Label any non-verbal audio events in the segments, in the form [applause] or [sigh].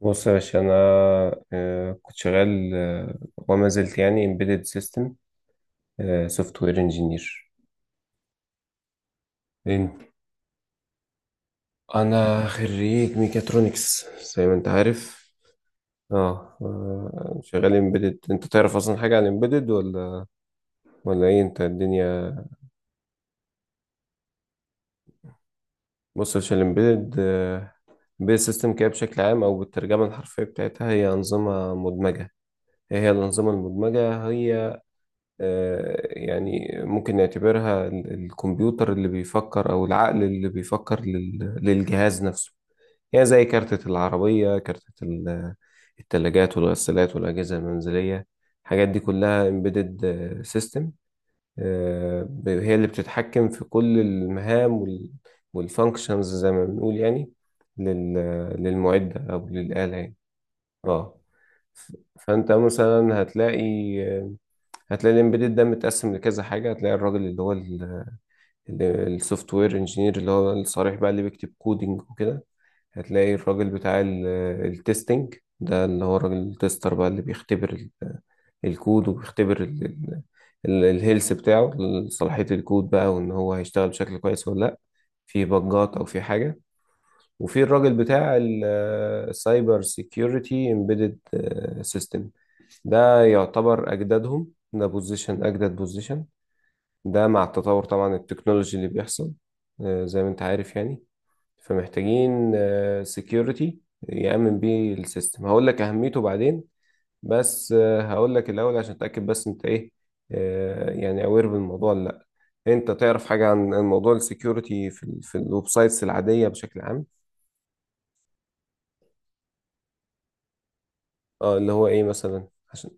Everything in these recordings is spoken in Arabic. بص يا باشا أنا كنت شغال، وما زلت يعني embedded system سوفت وير انجينير. أنا خريج ميكاترونكس زي ما أنت عارف. شغال امبيدد. انت تعرف اصلا حاجه عن امبيدد ولا ولا انت الدنيا؟ بص يا باشا، الامبيدد امبيدد سيستم كده بشكل عام، او بالترجمه الحرفيه بتاعتها، هي انظمه مدمجه. ايه هي الانظمه المدمجه؟ هي يعني ممكن نعتبرها الكمبيوتر اللي بيفكر، أو العقل اللي بيفكر للجهاز نفسه. يعني زي كارتة العربية، كارتة التلاجات والغسالات والأجهزة المنزلية. الحاجات دي كلها embedded system. هي اللي بتتحكم في كل المهام والfunctions زي ما بنقول، يعني لل- للمعدة أو للآلة يعني. اه. ف- فأنت مثلا هتلاقي الامبيدد ده متقسم لكذا حاجه. هتلاقي الراجل اللي هو السوفت وير انجينير، اللي هو الصريح بقى اللي بيكتب كودينج وكده. هتلاقي الراجل بتاع التستنج ده، اللي هو الراجل التستر بقى، اللي بيختبر ال- الكود، وبيختبر الهيلث بتاعه، صلاحيه الكود بقى، وان هو هيشتغل بشكل كويس ولا لا، في بجات او في حاجه. وفي الراجل بتاع السايبر سيكيورتي امبيدد سيستم. ده يعتبر اجدادهم، ده بوزيشن اجدد، بوزيشن ده مع التطور طبعا التكنولوجي اللي بيحصل، زي ما انت عارف يعني. فمحتاجين سكيورتي يأمن بيه السيستم. هقول لك أهميته بعدين، بس هقول لك الأول عشان أتأكد بس، انت ايه يعني أوير بالموضوع ولا لأ؟ انت تعرف حاجة عن موضوع السكيورتي في الويب سايتس العادية بشكل عام؟ اه اللي هو ايه مثلا؟ عشان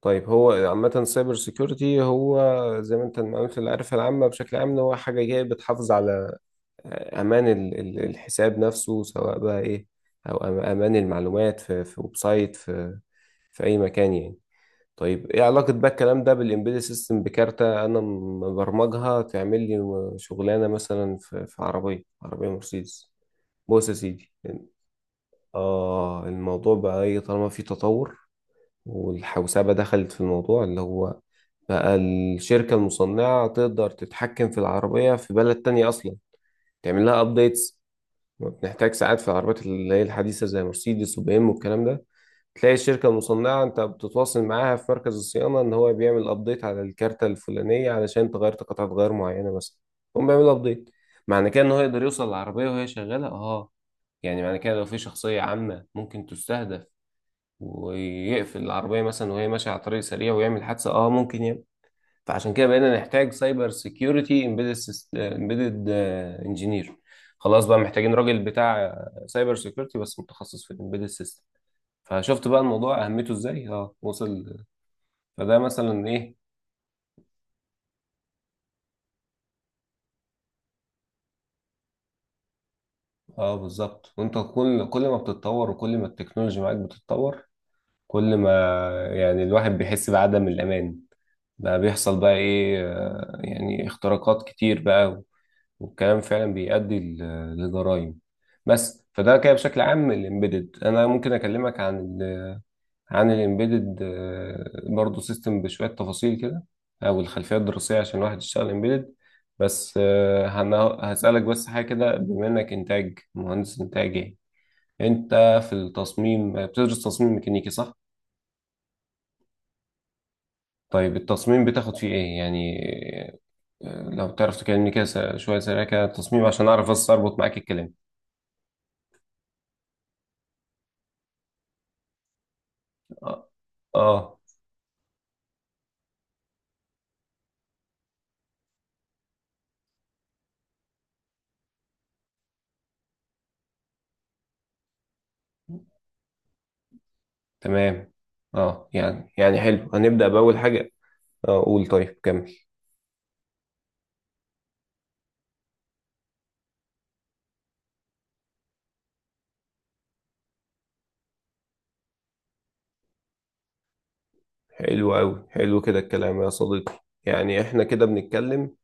طيب، هو عامة سايبر سيكيورتي هو زي ما انت المعلومات اللي عارفها العامة بشكل عام، ان هو حاجة جاية بتحافظ على امان الحساب نفسه سواء بقى ايه، او امان المعلومات في ويب سايت، في في اي مكان يعني. طيب ايه علاقة بقى الكلام ده بالامبيدد سيستم، بكارتة انا مبرمجها تعمل لي شغلانة مثلا في عربية عربية مرسيدس؟ بص يا سيدي، اه الموضوع بقى ايه؟ طالما في تطور والحوسبة دخلت في الموضوع، اللي هو بقى الشركة المصنعة تقدر تتحكم في العربية في بلد تانية اصلا، تعمل لها ابديتس. بنحتاج ساعات في العربيات اللي هي الحديثة زي مرسيدس وبي ام والكلام ده، تلاقي الشركة المصنعة انت بتتواصل معاها في مركز الصيانة ان هو بيعمل ابديت على الكارتة الفلانية علشان تغير قطعة غيار معينة مثلا. هم بيعمل ابديت، معنى كده ان هو يقدر يوصل العربية وهي شغالة. اه يعني معنى كده لو في شخصية عامة ممكن تستهدف، ويقفل العربية مثلا وهي ماشية على طريق سريع ويعمل حادثة. اه ممكن يعمل. فعشان كده بقينا نحتاج سايبر سيكيورتي امبيدد امبيدد انجينير. خلاص بقى محتاجين راجل بتاع سايبر سيكيورتي بس متخصص في الامبيدد سيستم. فشفت بقى الموضوع اهميته ازاي؟ اه وصل. فده مثلا ايه. اه بالظبط. وانت كل ما بتتطور، وكل ما التكنولوجيا معاك بتتطور، كل ما يعني الواحد بيحس بعدم الامان. بقى بيحصل بقى ايه، يعني اختراقات كتير بقى، والكلام فعلا بيؤدي لجرائم. بس فده كده بشكل عام الامبيدد. انا ممكن اكلمك عن الامبيدد برضه سيستم بشويه تفاصيل كده، او الخلفيه الدراسيه عشان واحد يشتغل امبيدد. بس هسالك بس حاجه كده، بما انك انتاج، مهندس انتاج يعني، انت في التصميم بتدرس تصميم ميكانيكي صح؟ طيب التصميم بتاخد فيه ايه يعني؟ لو تعرف تكلمني كده شويه سريع كده التصميم، عشان اعرف بس اربط معاك الكلام. اه آه. تمام. اه يعني حلو، هنبدأ بأول حاجة. اه قول، طيب كمل. حلو أوي، حلو كده الكلام يا صديقي. يعني احنا كده بنتكلم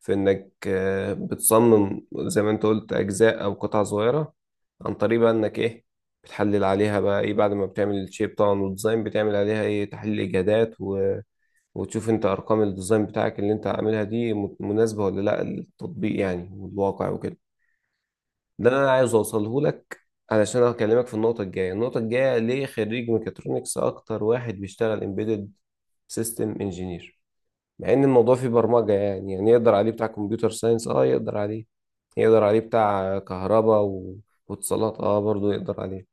في انك بتصمم زي ما انت قلت اجزاء او قطع صغيرة، عن طريق بقى انك ايه، بتحلل عليها بقى ايه، بعد ما بتعمل الشيب طبعا والديزاين، بتعمل عليها ايه، تحليل اجهادات و وتشوف انت ارقام الديزاين بتاعك اللي انت عاملها دي مناسبة ولا لا للتطبيق يعني، والواقع وكده. ده انا عايز اوصله لك، علشان هكلمك في النقطه الجايه. النقطه الجايه، ليه خريج ميكاترونكس اكتر واحد بيشتغل امبيدد سيستم انجينير، مع ان الموضوع فيه برمجه يعني، يعني يقدر عليه بتاع كمبيوتر ساينس، اه يقدر عليه، يقدر عليه بتاع كهرباء و واتصالات، اه برضه يقدر عليه.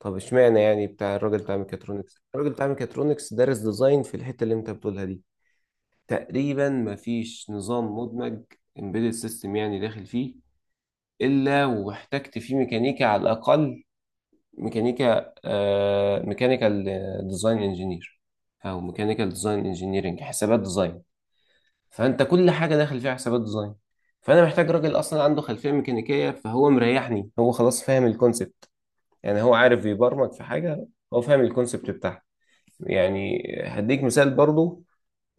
طب اشمعنى يعني بتاع الراجل بتاع ميكاترونكس، الراجل بتاع ميكاترونكس دارس ديزاين في الحته اللي انت بتقولها دي. تقريبا مفيش نظام مدمج امبيدد سيستم يعني داخل فيه الا واحتجت فيه ميكانيكا على الاقل، ميكانيكا، آه ميكانيكال ديزاين انجينير، او ميكانيكال ديزاين انجينيرنج، حسابات ديزاين. فانت كل حاجه داخل فيها حسابات ديزاين، فانا محتاج راجل اصلا عنده خلفيه ميكانيكيه، فهو مريحني، هو خلاص فاهم الكونسبت. يعني هو عارف يبرمج في حاجه هو فاهم الكونسبت بتاعها. يعني هديك مثال برضو،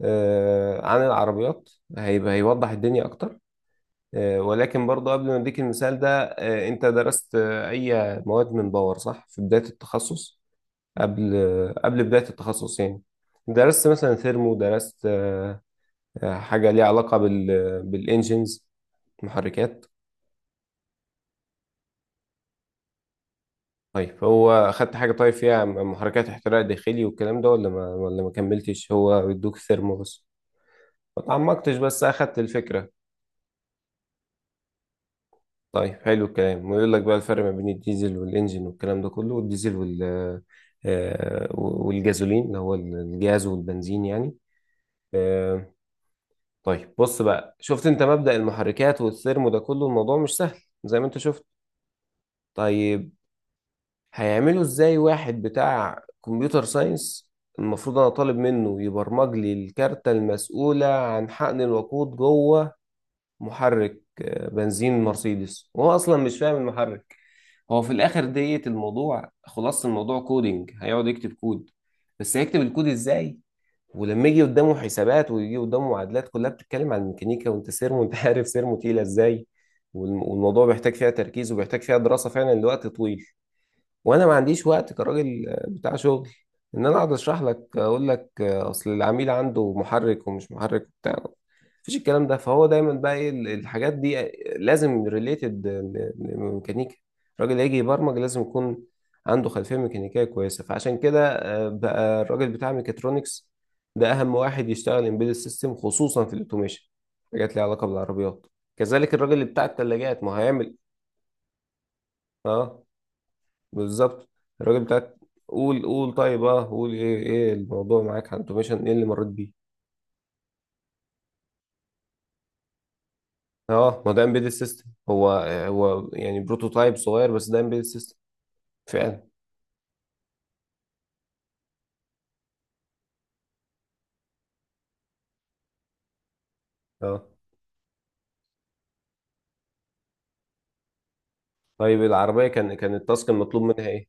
آه عن العربيات، هيبقى هيوضح الدنيا اكتر. آه ولكن برضو قبل ما اديك المثال ده، آه انت درست آه اي مواد من باور صح في بدايه التخصص؟ قبل قبل بداية التخصص يعني، درست مثلا ثيرمو، درست حاجة ليها علاقة بالإنجينز، محركات. طيب هو أخدت حاجة طيب فيها محركات احتراق داخلي والكلام ده، ولا ما ولا ما كملتش، هو بيدوك ثيرمو بس؟ ما تعمقتش، بس أخدت الفكرة. طيب حلو الكلام، ويقول لك بقى الفرق ما بين الديزل والإنجين والكلام ده كله، والديزل والجازولين، اللي هو الجاز والبنزين يعني. آه، طيب بص بقى، شفت انت مبدأ المحركات والثيرمو ده كله، الموضوع مش سهل زي ما انت شفت. طيب هيعملوا ازاي واحد بتاع كمبيوتر ساينس، المفروض انا طالب منه يبرمج لي الكارتة المسؤولة عن حقن الوقود جوه محرك بنزين مرسيدس، وهو اصلا مش فاهم المحرك؟ هو في الاخر ديت الموضوع خلاص، الموضوع كودينج، هيقعد يكتب كود، بس هيكتب الكود ازاي؟ ولما يجي قدامه حسابات، ويجي قدامه معادلات كلها بتتكلم عن الميكانيكا، وانت سيرمو، انت [laughs] عارف سيرمو تقيله ازاي، والموضوع بيحتاج فيها تركيز، وبيحتاج فيها دراسه فعلا لوقت طويل. وانا ما عنديش وقت كراجل بتاع شغل ان انا اقعد اشرح لك، اقول لك اصل العميل عنده محرك ومش محرك وبتاع، مفيش الكلام ده. فهو دايما بقى ايه، الحاجات دي لازم ريليتد لميكانيكا. الراجل اللي هيجي يبرمج لازم يكون عنده خلفيه ميكانيكيه كويسه. فعشان كده بقى الراجل بتاع ميكاترونكس ده اهم واحد يشتغل امبيدد سيستم، خصوصا في الاوتوميشن، حاجات ليها علاقه بالعربيات. كذلك الراجل اللي بتاع الثلاجات، ما هيعمل. اه بالظبط. الراجل بتاعك، قول قول. طيب اه قول، ايه ايه الموضوع معاك على الاوتوميشن؟ ايه اللي مريت بيه؟ اه ما ده امبيدد سيستم هو، هو يعني بروتوتايب صغير بس ده امبيدد سيستم فعلا. اه طيب العربية كان التاسك المطلوب منها ايه؟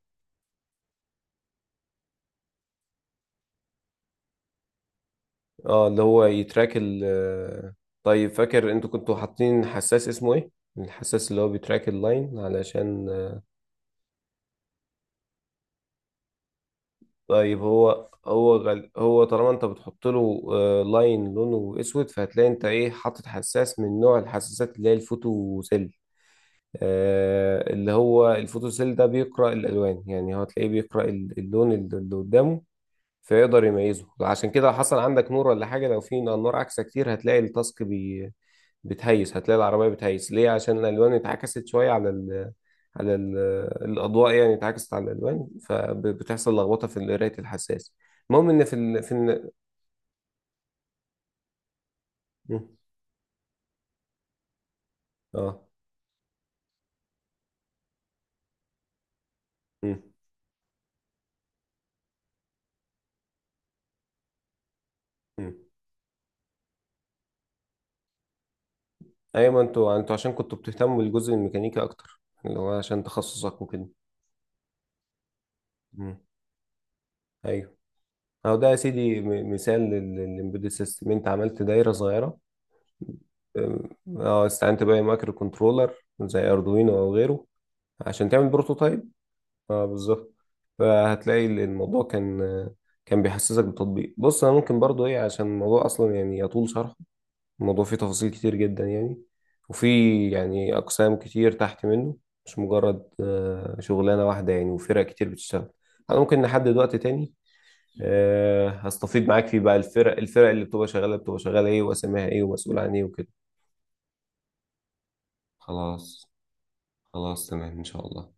اه اللي هو يتراك ال طيب فاكر انتوا كنتوا حاطين حساس اسمه ايه؟ الحساس اللي هو بيتراك اللاين علشان. طيب هو هو طالما انت بتحط له لاين لونه اسود، فهتلاقي انت ايه، حاطط حساس من نوع الحساسات اللي هي الفوتوسيل. آه اللي هو الفوتوسيل ده بيقرأ الالوان يعني، هو تلاقيه بيقرأ اللون اللي قدامه فيقدر يميزه. عشان كده حصل عندك نور ولا حاجة، لو في نور عكسة كتير هتلاقي بتهيس، هتلاقي العربية بتهيس. ليه؟ عشان الألوان اتعكست شوية على على ال... الأضواء يعني، اتعكست على الألوان، فبتحصل لخبطة في قراية الحساس. المهم إن في مم. اه. مم. مم. أيوة ما انتوا عشان كنتوا بتهتموا بالجزء الميكانيكي أكتر، اللي هو عشان تخصصك وكده. مم. أيوه. أهو ده يا سيدي مثال للإمبيدد سيستم. أنت عملت دايرة صغيرة، أم، اه استعنت بقى مايكرو كنترولر زي اردوينو او غيره عشان تعمل بروتوتايب. اه بالظبط. فهتلاقي الموضوع كان كان بيحسسك بتطبيق. بص انا ممكن برضو ايه، عشان الموضوع اصلا يعني يطول شرحه، الموضوع فيه تفاصيل كتير جدا يعني، وفي يعني اقسام كتير تحت منه، مش مجرد شغلانه واحده يعني، وفرق كتير بتشتغل. انا ممكن نحدد وقت تاني هستفيد معاك فيه بقى، الفرق اللي بتبقى شغاله، بتبقى شغاله ايه، واسمها ايه، ومسؤول عن ايه وكده. خلاص. خلاص تمام إن شاء الله.